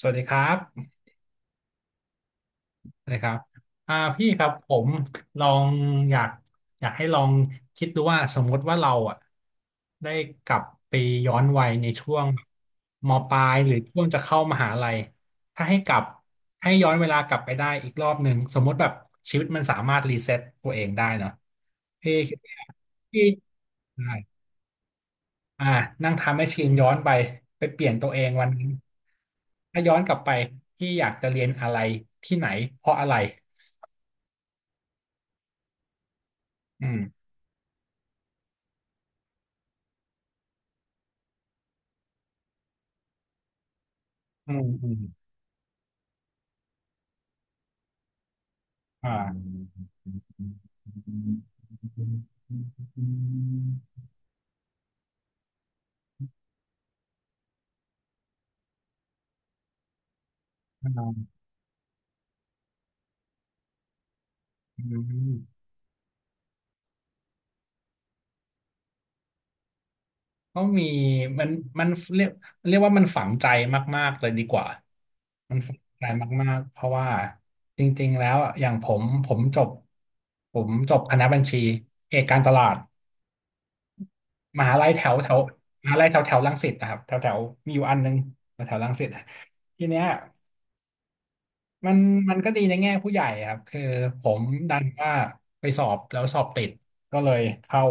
สวัสดีครับสวัสดีครับพี่ครับผมลองอยากอยากให้ลองคิดดูว่าสมมติว่าเราอ่ะได้กลับไปย้อนวัยในช่วงมปลายหรือช่วงจะเข้ามหาลัยถ้าให้กลับให้ย้อนเวลากลับไปได้อีกรอบหนึ่งสมมติแบบชีวิตมันสามารถรีเซ็ตตัวเองได้เนาะพี่คิดว่าพี่ได้อ่านั่งทำให้ชีนย้อนไปไปเปลี่ยนตัวเองวันนั้นถ้าย้อนกลับไปพี่อยากจะเรียนอะไรที่ไหนเพราะอะไร อืมอืมอืมอ่าอืมอืมก็มีมันมันเรียกเรียกว่ามันฝังใจมากๆเลยดีกว่ามันฝังใจมากๆเพราะว่าจริงๆแล้วอะอย่างผมจบคณะบัญชีเอกการตลาดมหาลัยแถวแถวมหาลัยแถวแถวรังสิตนะครับแถวแถวมีอยู่อันนึงแถวแถวรังสิตทีเนี้ย มันมันก็ดีในแง่ผู้ใหญ่ครับคือผมดันว่าไปสอบแล้วสอบติดก็เลยเข้า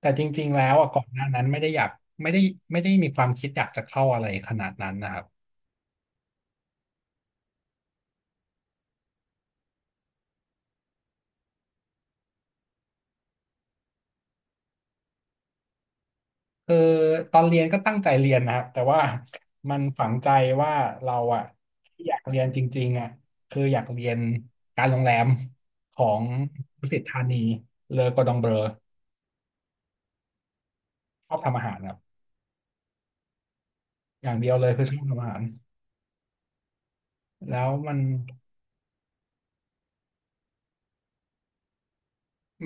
แต่จริงๆแล้วอ่ะก่อนหน้านั้นไม่ได้อยากไม่ได้ไม่ได้มีความคิดอยากจะเข้าอะไรขนาดนั้นนะครับคือตอนเรียนก็ตั้งใจเรียนนะครับแต่ว่ามันฝังใจว่าเราอ่ะที่อยากเรียนจริงๆอ่ะคืออยากเรียนการโรงแรมของดุสิตธานีเลอกอร์ดองเบลอชอบทำอาหารครับอย่างเดียวเลยคือชอบทำอาหารแล้วมัน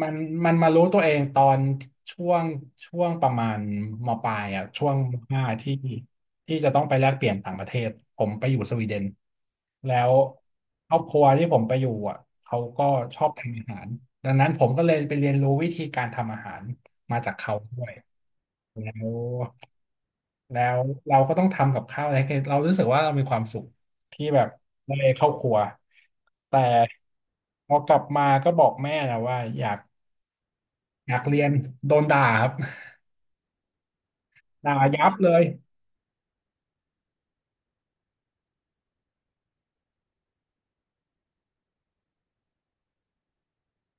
มันมันมารู้ตัวเองตอนช่วงช่วงประมาณมปลายอ่ะช่วงม.5ที่ที่จะต้องไปแลกเปลี่ยนต่างประเทศผมไปอยู่สวีเดนแล้วครอบครัวที่ผมไปอยู่อ่ะเขาก็ชอบทำอาหารดังนั้นผมก็เลยไปเรียนรู้วิธีการทำอาหารมาจากเขาด้วยแล้วแล้วเราก็ต้องทำกับข้าวอะไรให้เรารู้สึกว่าเรามีความสุขที่แบบได้เข้าครัวแต่พอกลับมาก็บอกแม่นะว่าอยากเรียนโดนด่าครับ ด่ายับเลย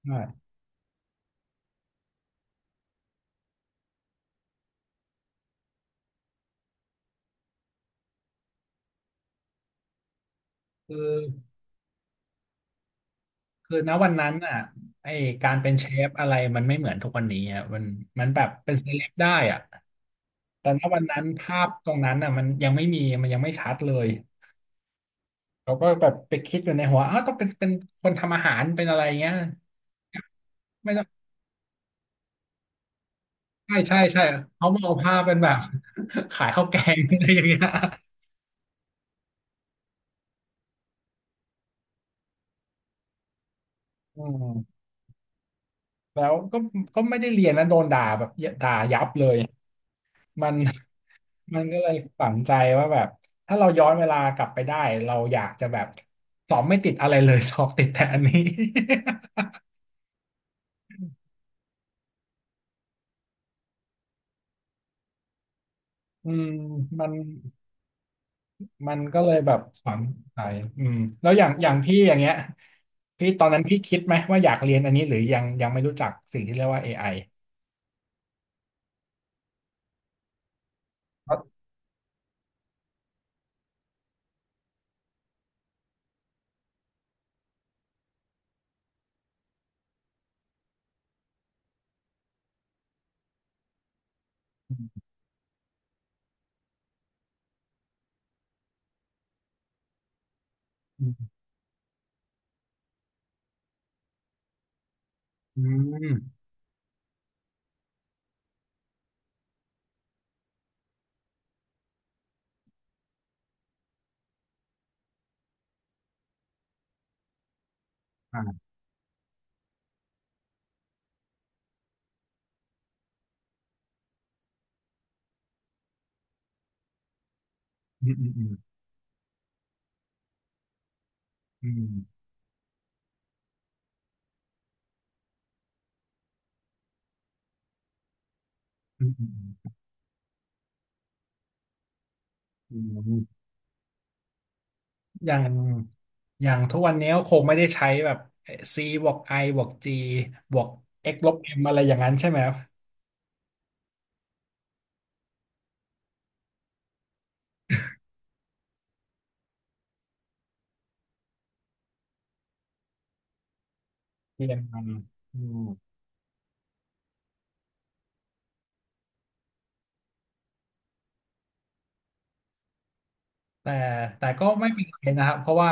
อ่าคือคือณวันนั้นอ่ะไอการเป็นเชฟอะไรมันไม่เหมือนทุกวันนี้อ่ะมันแบบเป็นเซเลบได้อ่ะแต่ณวันนั้นภาพตรงนั้นอ่ะมันยังไม่มีมันยังไม่ชัดเลยเราก็แบบไปคิดอยู่ในหัวอ้าวต้องเป็นคนทำอาหารเป็นอะไรเงี้ยไม่ต้องใช่ใช่ใช่เขามองภาพเป็นแบบ ขายข้าวแกงอะไรอย่างเงี้ยอืมแล้วก็ไม่ได้เรียนนะโดนด่าแบบด่ายับเลย มัน มันก็เลยฝังใจว่าแบบถ้าเราย้อนเวลากลับไปได้เราอยากจะแบบสอบไม่ติดอะไรเลย สอบติดแต่อันนี้ อืมมันมันก็เลยแบบฝังใจอืมแล้วอย่างพี่อย่างเงี้ยพี่ตอนนั้นพี่คิดไหมว่าอยากเรียนอันนี้หรือยังยังไม่รู้จักสิ่งที่เรียกว่า AI เพราะอืมอืมอืมอ่าอืมอืมอืมอืมอืมอืม อย่างอย่างทุกวันนี้ก็คงไม่ได้ใช้แบบ c บวก i บวก g บวก x ลบ m อะไรอย่างนั้นใช่ไหมครับเรียนมันอืมแต่แต่ก็ไม่เป็นไรนะครับเพราะว่า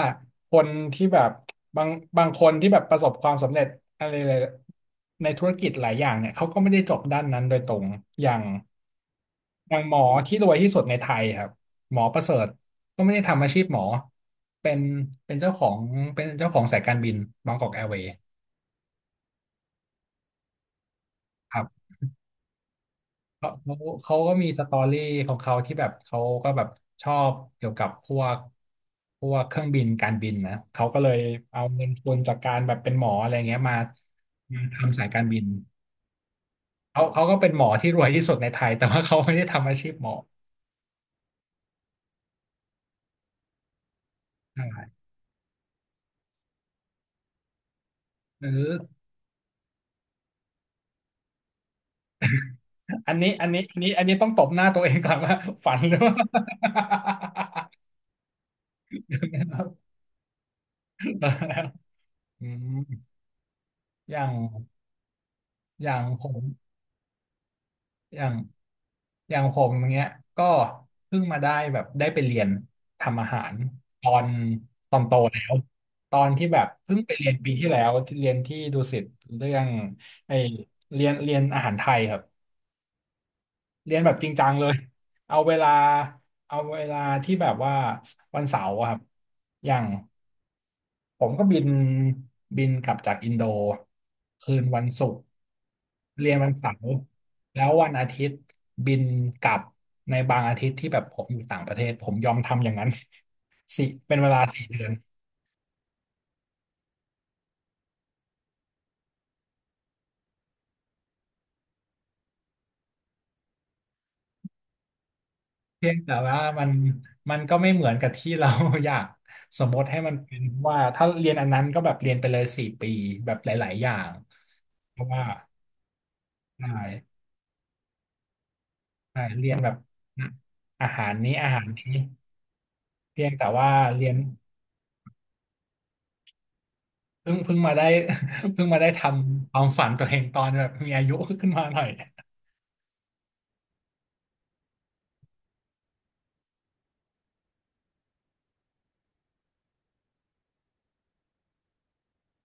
คนที่แบบบางบางคนที่แบบประสบความสำเร็จอะไรหลายในธุรกิจหลายอย่างเนี่ยเขาก็ไม่ได้จบด้านนั้นโดยตรงอย่างอย่างหมอที่รวยที่สุดในไทยครับหมอประเสริฐก็ไม่ได้ทำอาชีพหมอเป็นเป็นเจ้าของเป็นเจ้าของสายการบินบางกอกแอร์เวย์ ครับเขาเขาเขาก็มีสตอรี่ของเขาที่แบบเขาก็แบบชอบเกี่ยวกับพวกเครื่องบินการบินนะเขาก็เลยเอาเงินทุนจากการแบบเป็นหมออะไรเงี้ยมาทำสายการบินเขาก็เป็นหมอที่รวยที่สุดในไทยแต่ว่าเขาไม่ได้ทำอาชีพหมอใช่หรืออันนี้ต้องตบหน้าตัวเองก่อนว่าฝันหรือว่า อืมอย่างอย่างผมอย่าง อย่างผมอย่างเงี้ยก็เพิ่งมาได้แบบได้ไปเรียนทำอาหารตอนตอนโตแล้วตอนที่แบบเพิ่งไปเรียนปีที่แล้วที่เรียนที่ดุสิตเรื่องไอเรียนอาหารไทยครับเรียนแบบจริงจังเลยเอาเวลาเอาเวลาที่แบบว่าวันเสาร์อะครับอย่าง ผมก็บินกลับจากอินโดคืนวันศุกร์เรียนวันเสาร์แล้ววันอาทิตย์บินกลับในบางอาทิตย์ที่แบบผมอยู่ต่างประเทศผมยอมทำอย่างนั้น สิเป็นเวลา4 เดือนเพียงแต่ว่ามันก็ไม่เหมือนกับที่เรา อยากสมมติให้มันเป็นว่าถ้าเรียนอันนั้นก็แบบเรียนไปเลย4 ปีแบบหลายๆอย่างเพราะว่าใช่ใช่เรียนแบบอาหารนี้อาหารนี้เพียงแต่ว่าเรียน เพิ่งมาได้ เพิ่งมาได้ทำความฝันตัวเองตอนแบบมีอายุขึ้นมาหน่อย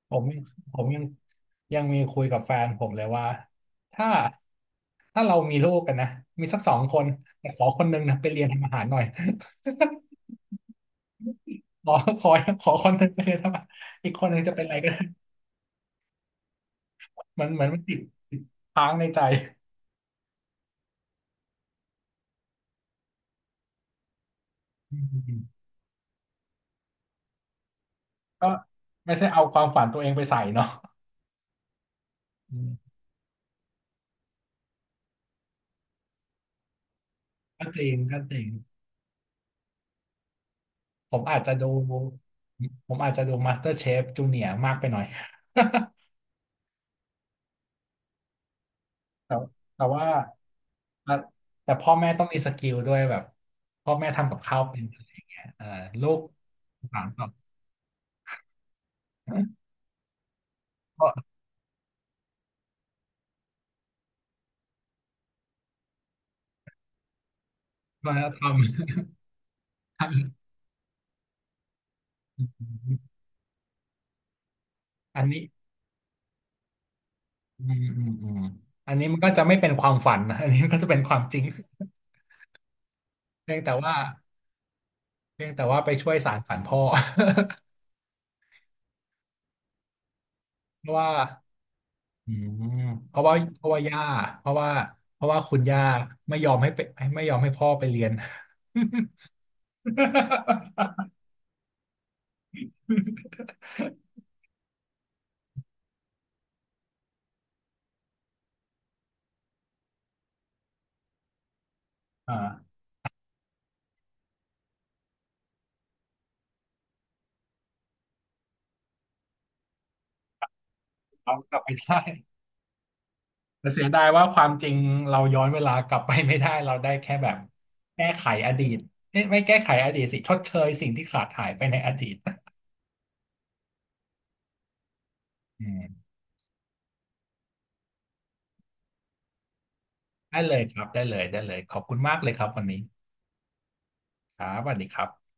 ผมผมยังมีคุยกับแฟนผมเลยว่าถ้าถ้าเรามีลูกกันนะมีสัก2 คนแต่ขอคนหนึงนะไปเรียนทำอาหารหน่อย ขอขอขอคนหนึงไปเรียนทำอาหารอีกคนหนึงจะเป็นอะไรก็ได้เหมือนมันติดค้างในใจอืมก็ไม่ใช่เอาความฝันตัวเองไปใส่เนาะอืมก็จริงก็จริง ผมอาจจะดูผมอาจจะดู MasterChef Junior มากไปหน่อย แต่แต่ว่าแต่แต่พ่อแม่ต้องมีสกิลด้วยแบบพ่อแม่ทำกับข้าวเป็นอะไรอย่างเงี้ยเออลูกถามแบบก็ก็ทำ ทำอันนี้อืมอืมอืมอันนี้มันก็จะไม่เป็นความฝัน นะอันนี้มันก็จะเป็นความจริงเพียงแต่ว่าเพียงแต่ว่าไปช่วยสานฝันพ่อ เพราะว่า อืมเพราะว่าเพราะว่าย่าเพราะว่าเพราะว่าคุณย่าไม่ยอมให้ไปไม่ยอมให้พ่อไปเรียน อ่าเอากลับไปได้แต่เสียดายว่าความจริงเราย้อนเวลากลับไปไม่ได้เราได้แค่แบบแก้ไขอดีตเอ๊ะไม่แก้ไขอดีตสิชดเชยสิ่งที่ขาดหายไปในอดีตอืมได้เลยครับได้เลยได้เลยขอบคุณมากเลยครับวันนี้ครับสวัสดีครับ